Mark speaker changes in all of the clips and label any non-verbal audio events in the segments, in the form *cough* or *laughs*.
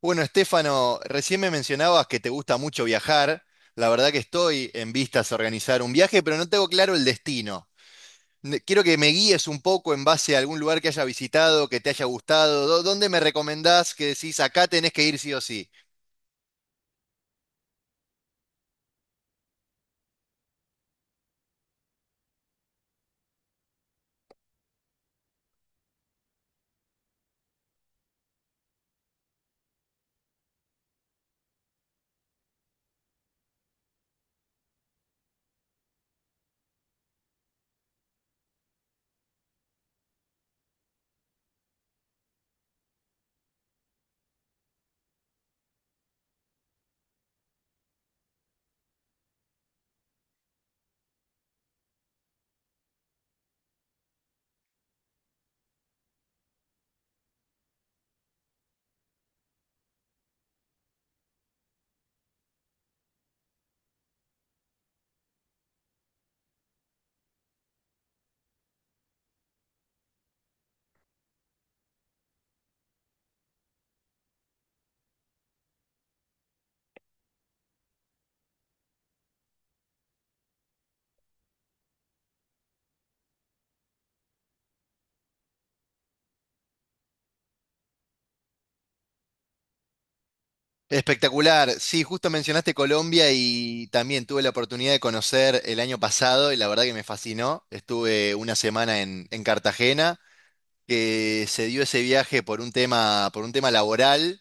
Speaker 1: Bueno, Estefano, recién me mencionabas que te gusta mucho viajar. La verdad que estoy en vistas a organizar un viaje, pero no tengo claro el destino. Quiero que me guíes un poco en base a algún lugar que haya visitado, que te haya gustado. ¿Dónde me recomendás que decís acá tenés que ir sí o sí? Espectacular. Sí, justo mencionaste Colombia y también tuve la oportunidad de conocer el año pasado y la verdad que me fascinó. Estuve una semana en Cartagena, que se dio ese viaje por un tema laboral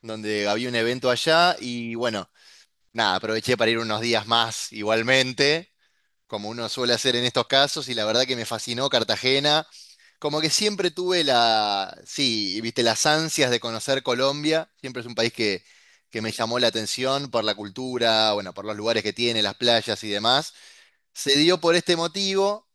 Speaker 1: donde había un evento allá y bueno, nada, aproveché para ir unos días más igualmente, como uno suele hacer en estos casos, y la verdad que me fascinó Cartagena. Como que siempre tuve sí, viste, las ansias de conocer Colombia, siempre es un país que me llamó la atención por la cultura, bueno, por los lugares que tiene, las playas y demás. Se dio por este motivo.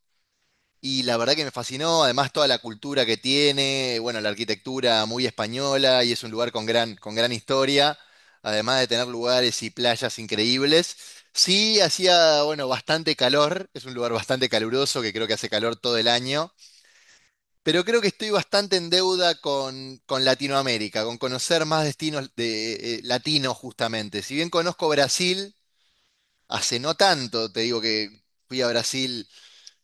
Speaker 1: Y la verdad que me fascinó, además toda la cultura que tiene, bueno, la arquitectura muy española y es un lugar con gran historia, además de tener lugares y playas increíbles. Sí, hacía, bueno, bastante calor, es un lugar bastante caluroso que creo que hace calor todo el año, pero creo que estoy bastante en deuda con Latinoamérica, con conocer más destinos de, latinos justamente. Si bien conozco Brasil, hace no tanto, te digo que fui a Brasil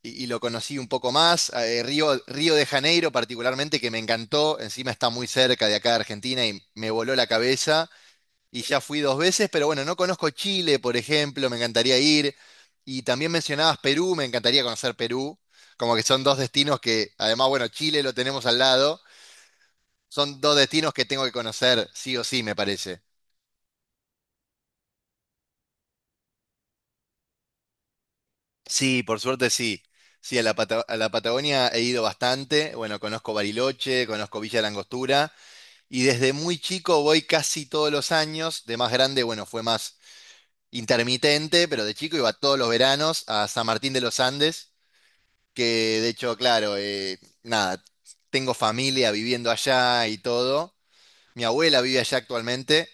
Speaker 1: y lo conocí un poco más. Río de Janeiro particularmente, que me encantó, encima está muy cerca de acá de Argentina y me voló la cabeza. Y ya fui dos veces, pero bueno, no conozco Chile, por ejemplo, me encantaría ir. Y también mencionabas Perú, me encantaría conocer Perú, como que son dos destinos que, además, bueno, Chile lo tenemos al lado, son dos destinos que tengo que conocer, sí o sí, me parece. Sí, por suerte sí. Sí, a la Patagonia he ido bastante, bueno, conozco Bariloche, conozco Villa Langostura. Y desde muy chico voy casi todos los años. De más grande, bueno, fue más intermitente, pero de chico iba todos los veranos a San Martín de los Andes, que de hecho, claro, nada, tengo familia viviendo allá y todo. Mi abuela vive allá actualmente,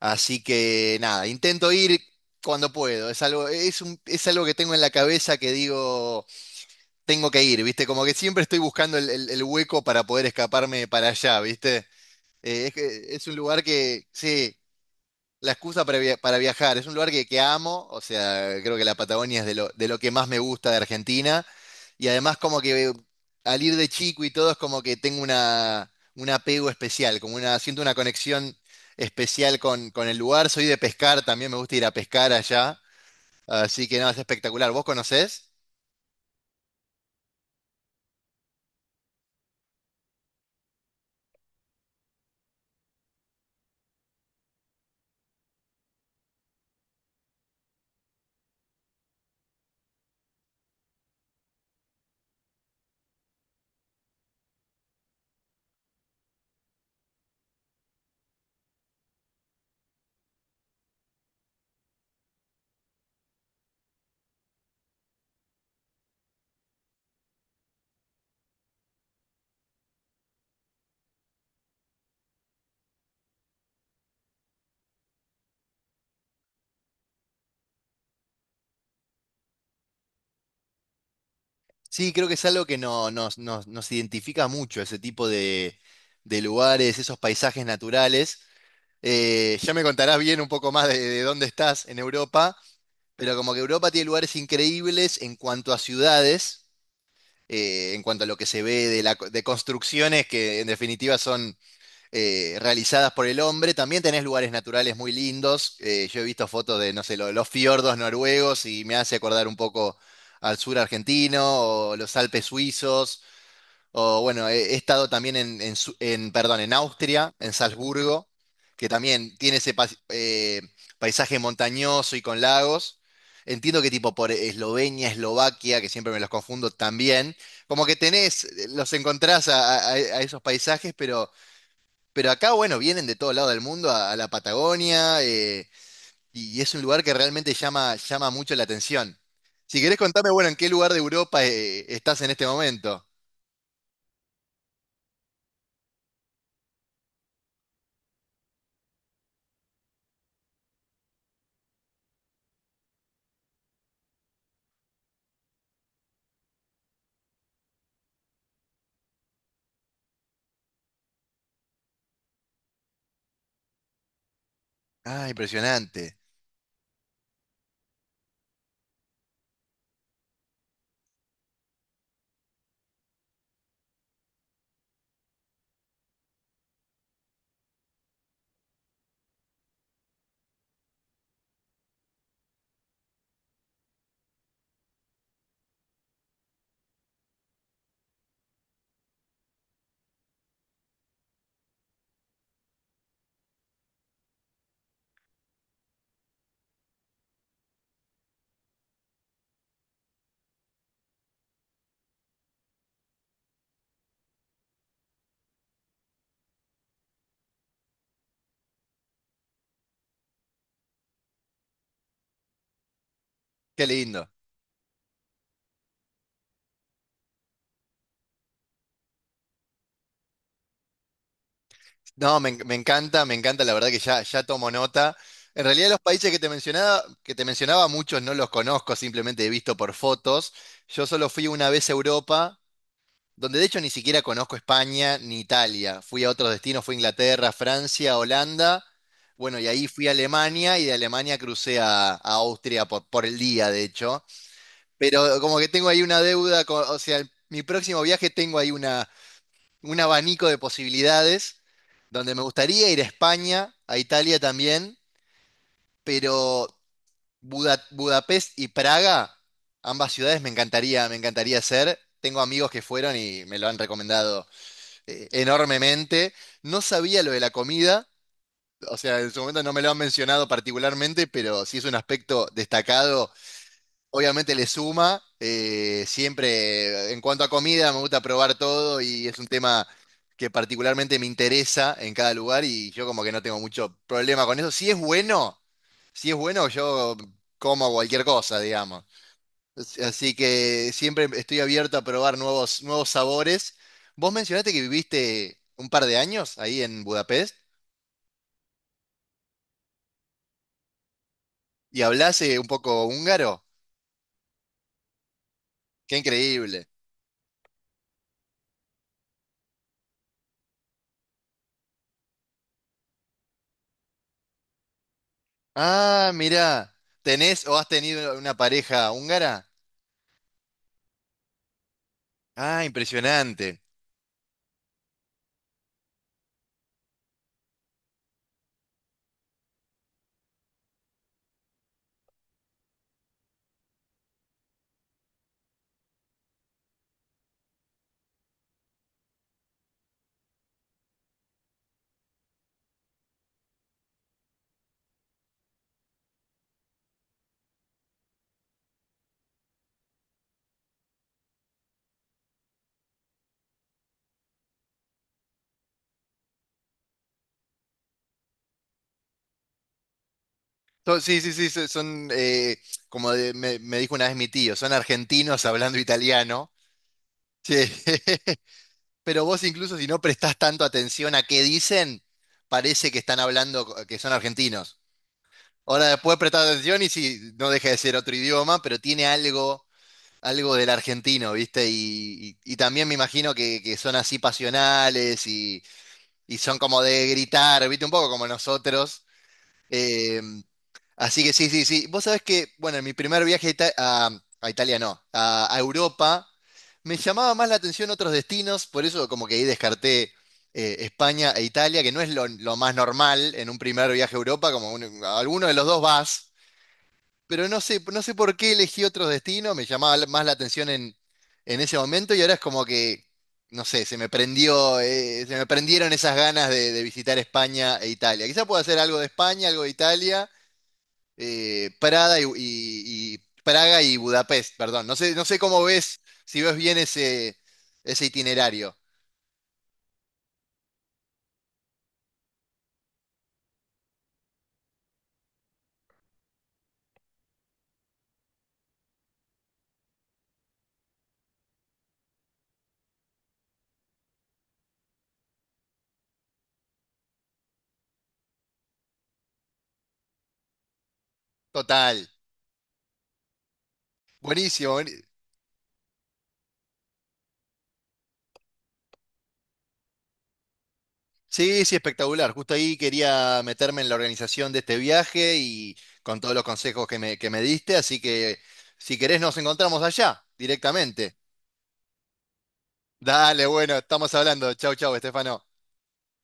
Speaker 1: así que nada, intento ir cuando puedo. Es algo, es algo que tengo en la cabeza que digo, tengo que ir, ¿viste? Como que siempre estoy buscando el hueco para poder escaparme para allá, ¿viste? Es un lugar que, sí. La excusa para viajar. Es un lugar que amo, o sea, creo que la Patagonia es de lo que más me gusta de Argentina. Y además como que al ir de chico y todo es como que tengo un apego especial, siento una conexión especial con el lugar. Soy de pescar, también me gusta ir a pescar allá. Así que no, es espectacular. ¿Vos conocés? Sí, creo que es algo que no, nos, nos, nos identifica mucho, ese tipo de lugares, esos paisajes naturales. Ya me contarás bien un poco más de dónde estás en Europa, pero como que Europa tiene lugares increíbles en cuanto a ciudades, en cuanto a lo que se ve de construcciones que en definitiva son realizadas por el hombre. También tenés lugares naturales muy lindos. Yo he visto fotos de, no sé, los fiordos noruegos y me hace acordar un poco al sur argentino o los Alpes suizos. O bueno, he estado también en, perdón, en Austria, en Salzburgo, que también tiene ese paisaje montañoso y con lagos. Entiendo que tipo por Eslovenia, Eslovaquia, que siempre me los confundo también. Como que tenés, los encontrás a esos paisajes, pero acá, bueno, vienen de todo lado del mundo, a la Patagonia, y es un lugar que realmente llama mucho la atención. Si querés contarme, bueno, en qué lugar de Europa, estás en este momento. Ah, impresionante. Qué lindo. No, me encanta, la verdad que ya, ya tomo nota. En realidad los países que te mencionaba, muchos no los conozco, simplemente he visto por fotos. Yo solo fui una vez a Europa, donde de hecho ni siquiera conozco España ni Italia. Fui a otros destinos, fui a Inglaterra, Francia, Holanda. Bueno, y ahí fui a Alemania y de Alemania crucé a Austria por el día, de hecho. Pero como que tengo ahí una deuda, o sea, mi próximo viaje tengo ahí una. Un abanico de posibilidades, donde me gustaría ir a España, a Italia también, pero Budapest y Praga, ambas ciudades me encantaría hacer. Tengo amigos que fueron y me lo han recomendado enormemente. No sabía lo de la comida, o sea, en su momento no me lo han mencionado particularmente, pero sí es un aspecto destacado, obviamente le suma. Siempre, en cuanto a comida, me gusta probar todo y es un tema que particularmente me interesa en cada lugar y yo como que no tengo mucho problema con eso. Si es bueno, yo como cualquier cosa, digamos. Así que siempre estoy abierto a probar nuevos sabores. Vos mencionaste que viviste un par de años ahí en Budapest y hablás un poco húngaro. Qué increíble. Ah, mirá. ¿Tenés o has tenido una pareja húngara? Ah, impresionante. Sí, sí, sí, son, me dijo una vez mi tío, son argentinos hablando italiano. Sí. *laughs* Pero vos incluso si no prestás tanto atención a qué dicen, parece que están hablando que son argentinos. Ahora después prestás atención y si no deja de ser otro idioma, pero tiene algo del argentino, ¿viste? Y también me imagino que son así pasionales y son como de gritar, ¿viste? Un poco como nosotros. eh, Así que sí, sí, sí. Vos sabés que, bueno, en mi primer viaje a Italia, no, a Europa, me llamaba más la atención otros destinos, por eso como que ahí descarté España e Italia, que no es lo más normal en un primer viaje a Europa, como a alguno de los dos vas, pero no sé, no sé por qué elegí otros destinos, me llamaba más la atención en ese momento y ahora es como que, no sé, se me prendieron esas ganas de visitar España e Italia. Quizá pueda hacer algo de España, algo de Italia Prada y- Praga y Budapest, perdón. No sé, no sé cómo ves, si ves bien ese itinerario. Total. Buenísimo. Sí, sí, espectacular. Justo ahí quería meterme en la organización de este viaje y con todos los consejos que me diste, así que si querés nos encontramos allá directamente. Dale, bueno, estamos hablando. Chau, chau, Estefano.